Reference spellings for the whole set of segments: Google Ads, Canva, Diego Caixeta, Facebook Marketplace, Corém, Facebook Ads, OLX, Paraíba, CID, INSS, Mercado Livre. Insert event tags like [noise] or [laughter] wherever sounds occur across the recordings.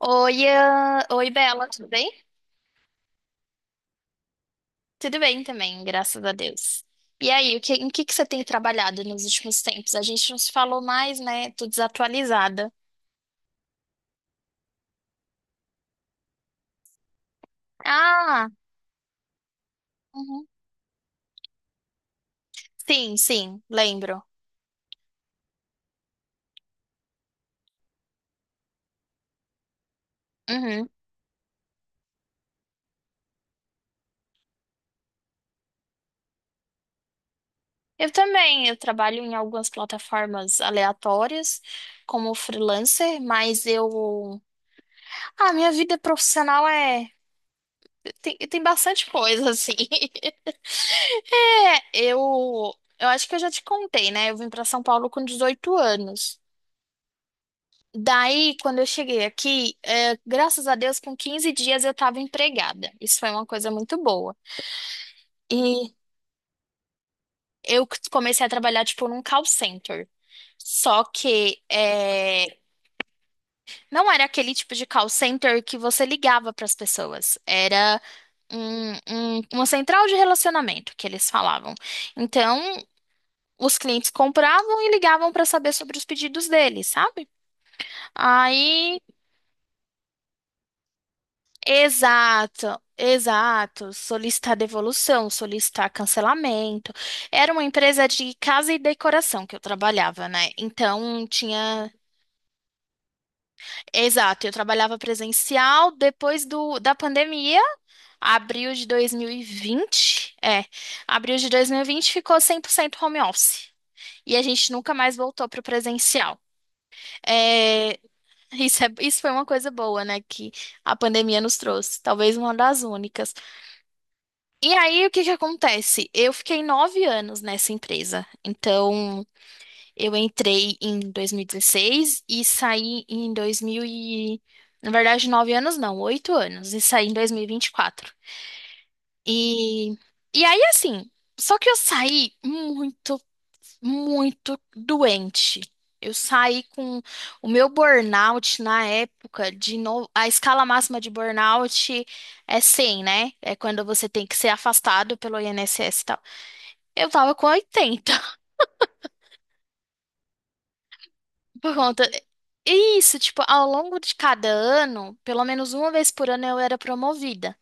Oi, Ian. Oi, Bela, tudo bem? Tudo bem também, graças a Deus. E aí, em que você tem trabalhado nos últimos tempos? A gente não se falou mais, né? Tô desatualizada. Ah, uhum. Sim, sim, lembro. Uhum. Eu também, eu trabalho em algumas plataformas aleatórias como freelancer, mas eu... Ah, minha vida profissional é... Tem bastante coisa, assim. [laughs] É, eu acho que eu já te contei, né? Eu vim para São Paulo com 18 anos. Daí, quando eu cheguei aqui, é, graças a Deus, com 15 dias eu estava empregada. Isso foi uma coisa muito boa. E eu comecei a trabalhar, tipo, num call center. Só que é, não era aquele tipo de call center que você ligava para as pessoas. Era um- uma central de relacionamento que eles falavam. Então, os clientes compravam e ligavam para saber sobre os pedidos deles, sabe? Aí, exato, exato, solicitar devolução, solicitar cancelamento. Era uma empresa de casa e decoração que eu trabalhava, né? Então tinha, exato, eu trabalhava presencial depois do da pandemia, abril de 2020, é, abril de 2020 ficou 100% home office. E a gente nunca mais voltou para o presencial. É, isso, isso foi uma coisa boa, né, que a pandemia nos trouxe, talvez uma das únicas. E aí, o que que acontece? Eu fiquei 9 anos nessa empresa, então eu entrei em 2016 e saí em 2000 e... Na verdade, 9 anos não, 8 anos, e saí em dois mil e vinte e quatro. E, e aí, assim, só que eu saí muito muito doente. Eu saí com o meu burnout na época de no... a escala máxima de burnout é 100, né? É quando você tem que ser afastado pelo INSS e tal. Eu tava com 80. [laughs] Por conta. Isso, tipo, ao longo de cada ano, pelo menos uma vez por ano eu era promovida.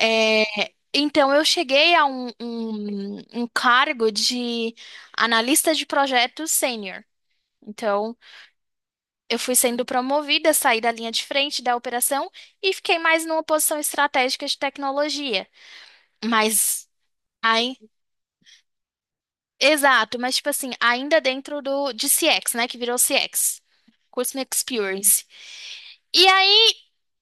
É, então eu cheguei a um cargo de analista de projetos sênior. Então, eu fui sendo promovida, saí da linha de frente da operação e fiquei mais numa posição estratégica de tecnologia. Mas, aí, exato, mas tipo assim, ainda dentro do de CX, né, que virou CX, Customer Experience. E aí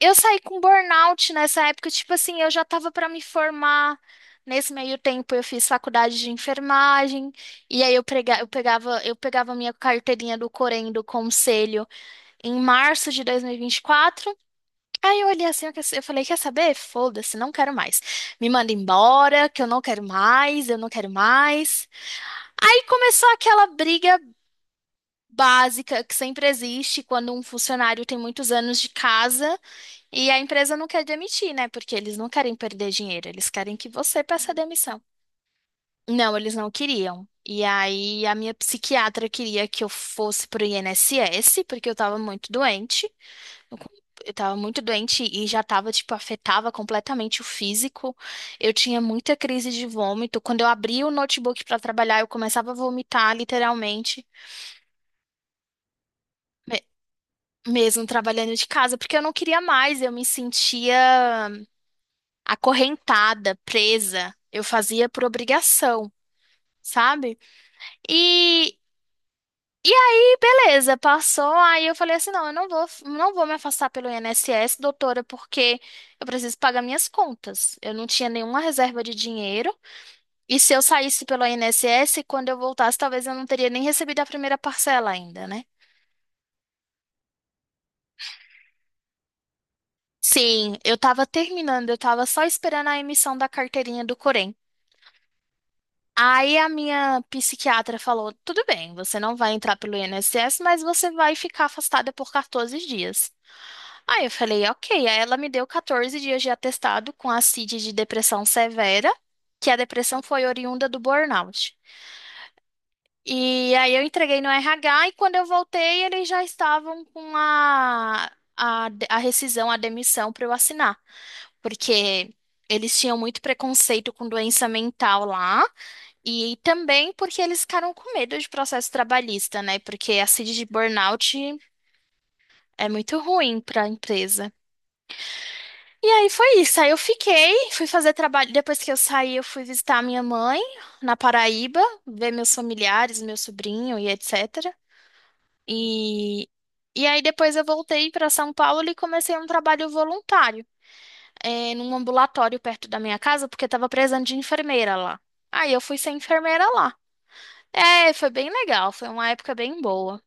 eu saí com burnout nessa época, tipo assim, eu já tava para me formar. Nesse meio tempo eu fiz faculdade de enfermagem e aí eu pegava minha carteirinha do Corém, do Conselho, em março de 2024. Aí eu olhei assim, eu falei, quer saber? Foda-se, não quero mais. Me manda embora, que eu não quero mais, eu não quero mais. Aí começou aquela briga básica que sempre existe quando um funcionário tem muitos anos de casa e a empresa não quer demitir, né? Porque eles não querem perder dinheiro, eles querem que você peça demissão. Não, eles não queriam. E aí a minha psiquiatra queria que eu fosse pro INSS, porque eu tava muito doente. Eu com- eu tava muito doente e já tava, tipo, afetava completamente o físico. Eu tinha muita crise de vômito. Quando eu abria o notebook pra trabalhar, eu começava a vomitar, literalmente, me- mesmo trabalhando de casa, porque eu não queria mais, eu me sentia acorrentada, presa. Eu fazia por obrigação, sabe? e Beleza, passou. Aí eu falei assim: não, eu não vou, não vou me afastar pelo INSS, doutora, porque eu preciso pagar minhas contas. Eu não tinha nenhuma reserva de dinheiro. E se eu saísse pelo INSS, quando eu voltasse, talvez eu não teria nem recebido a primeira parcela ainda, né? Sim, eu tava terminando, eu tava só esperando a emissão da carteirinha do Corém. Aí a minha psiquiatra falou: tudo bem, você não vai entrar pelo INSS, mas você vai ficar afastada por 14 dias. Aí eu falei, ok. Aí ela me deu 14 dias de atestado com a CID de depressão severa, que a depressão foi oriunda do burnout. E aí eu entreguei no RH e quando eu voltei, eles já estavam com a rescisão, a demissão, para eu assinar, porque eles tinham muito preconceito com doença mental lá e também porque eles ficaram com medo de processo trabalhista, né? Porque a CID de burnout é muito ruim para a empresa. E aí foi isso. Aí eu fiquei, fui fazer trabalho. Depois que eu saí, eu fui visitar a minha mãe na Paraíba, ver meus familiares, meu sobrinho e etc. E, e aí depois eu voltei para São Paulo e comecei um trabalho voluntário, eh, num ambulatório perto da minha casa, porque estava precisando de enfermeira lá. Aí eu fui ser enfermeira lá. É, foi bem legal, foi uma época bem boa.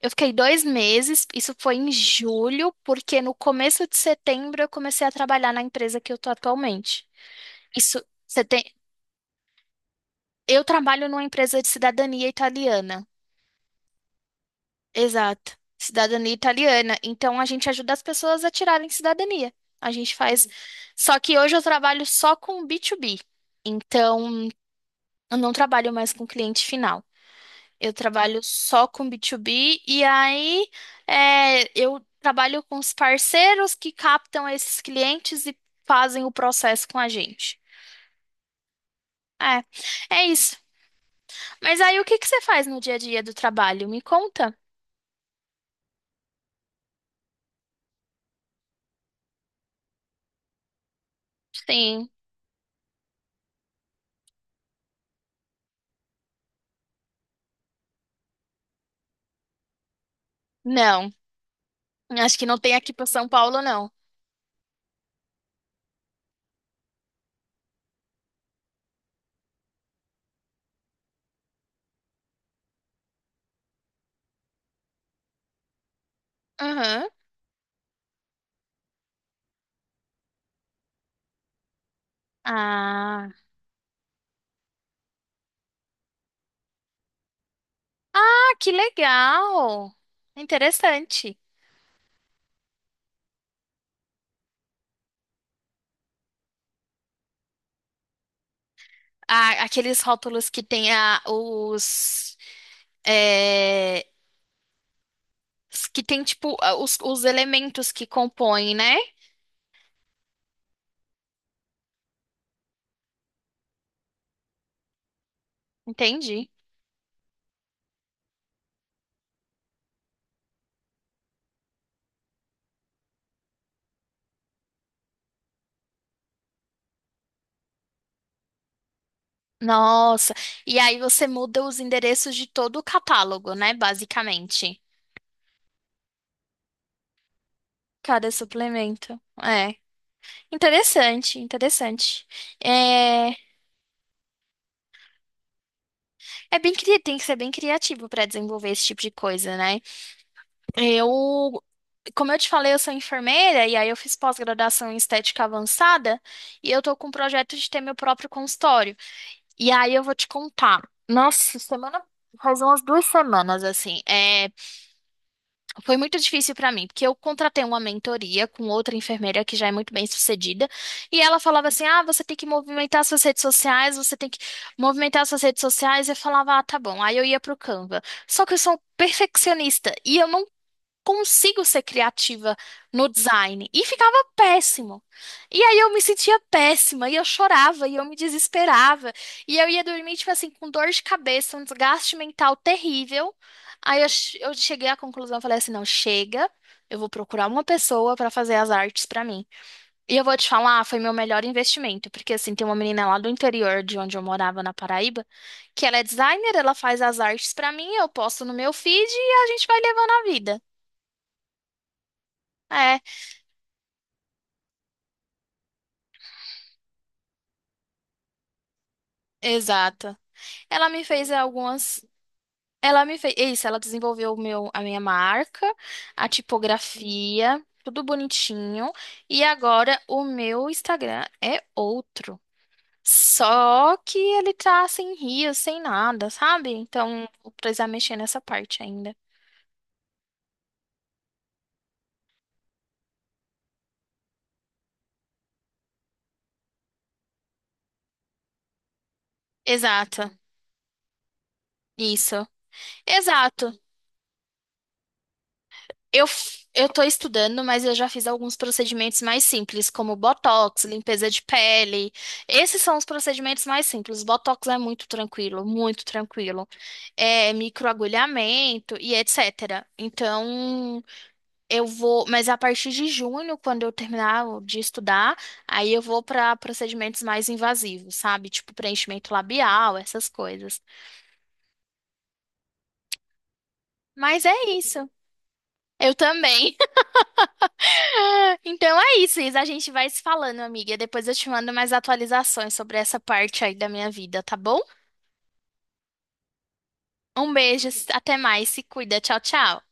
Eu fiquei 2 meses, isso foi em julho, porque no começo de setembro eu comecei a trabalhar na empresa que eu tô atualmente. Isso, você tem. Eu trabalho numa empresa de cidadania italiana. Exato. Cidadania italiana. Então a gente ajuda as pessoas a tirarem cidadania. A gente faz. Só que hoje eu trabalho só com B2B. Então eu não trabalho mais com cliente final. Eu trabalho só com B2B e aí, eu trabalho com os parceiros que captam esses clientes e fazem o processo com a gente. É, é isso. Mas aí o que que você faz no dia a dia do trabalho? Me conta. Sim. Não. Acho que não tem aqui para São Paulo, não. Aham. Ah. Ah, que legal. Interessante. Ah, aqueles rótulos que tem a, os, é, s- que tem tipo a- os elementos que compõem, né? Entendi. Nossa. E aí você muda os endereços de todo o catálogo, né? Basicamente. Cada suplemento. É. Interessante, interessante. É, Tem que ser bem criativo para desenvolver esse tipo de coisa, né? Eu, como eu te falei, eu sou enfermeira e aí eu fiz pós-graduação em estética avançada e eu tô com um projeto de ter meu próprio consultório. E aí eu vou te contar. Nossa, faz umas 2 semanas assim. Foi muito difícil para mim, porque eu contratei uma mentoria com outra enfermeira que já é muito bem sucedida, e ela falava assim: "Ah, você tem que movimentar suas redes sociais, você tem que movimentar suas redes sociais". Eu falava: "Ah, tá bom". Aí eu ia pro Canva. Só que eu sou perfeccionista e eu não consigo ser criativa no design. E ficava péssimo. E aí eu me sentia péssima, e eu chorava, e eu me desesperava. E eu ia dormir, tipo assim, com dor de cabeça, um desgaste mental terrível. Aí eu cheguei à conclusão, eu falei assim, não, chega. Eu vou procurar uma pessoa para fazer as artes para mim. E eu vou te falar, ah, foi meu melhor investimento, porque assim, tem uma menina lá do interior de onde eu morava na Paraíba, que ela é designer, ela faz as artes para mim, eu posto no meu feed e a gente vai levando a vida. é Exato. Ela me fez algumas. Ela me fez. Isso, ela desenvolveu a minha marca, a tipografia, tudo bonitinho. E agora o meu Instagram é outro. Só que ele tá sem rios, sem nada, sabe? Então vou precisar mexer nessa parte ainda. Exato. Isso. Exato. Eu tô estudando, mas eu já fiz alguns procedimentos mais simples, como botox, limpeza de pele. Esses são os procedimentos mais simples. Botox é muito tranquilo, muito tranquilo. É microagulhamento e etc. Então, eu vou, mas a partir de junho, quando eu terminar de estudar, aí eu vou pra procedimentos mais invasivos, sabe? Tipo preenchimento labial, essas coisas. Mas é isso. Eu também. É, então é isso, Isa. A gente vai se falando, amiga. Depois eu te mando mais atualizações sobre essa parte aí da minha vida, tá bom? Um beijo, até mais, se cuida. Tchau, tchau.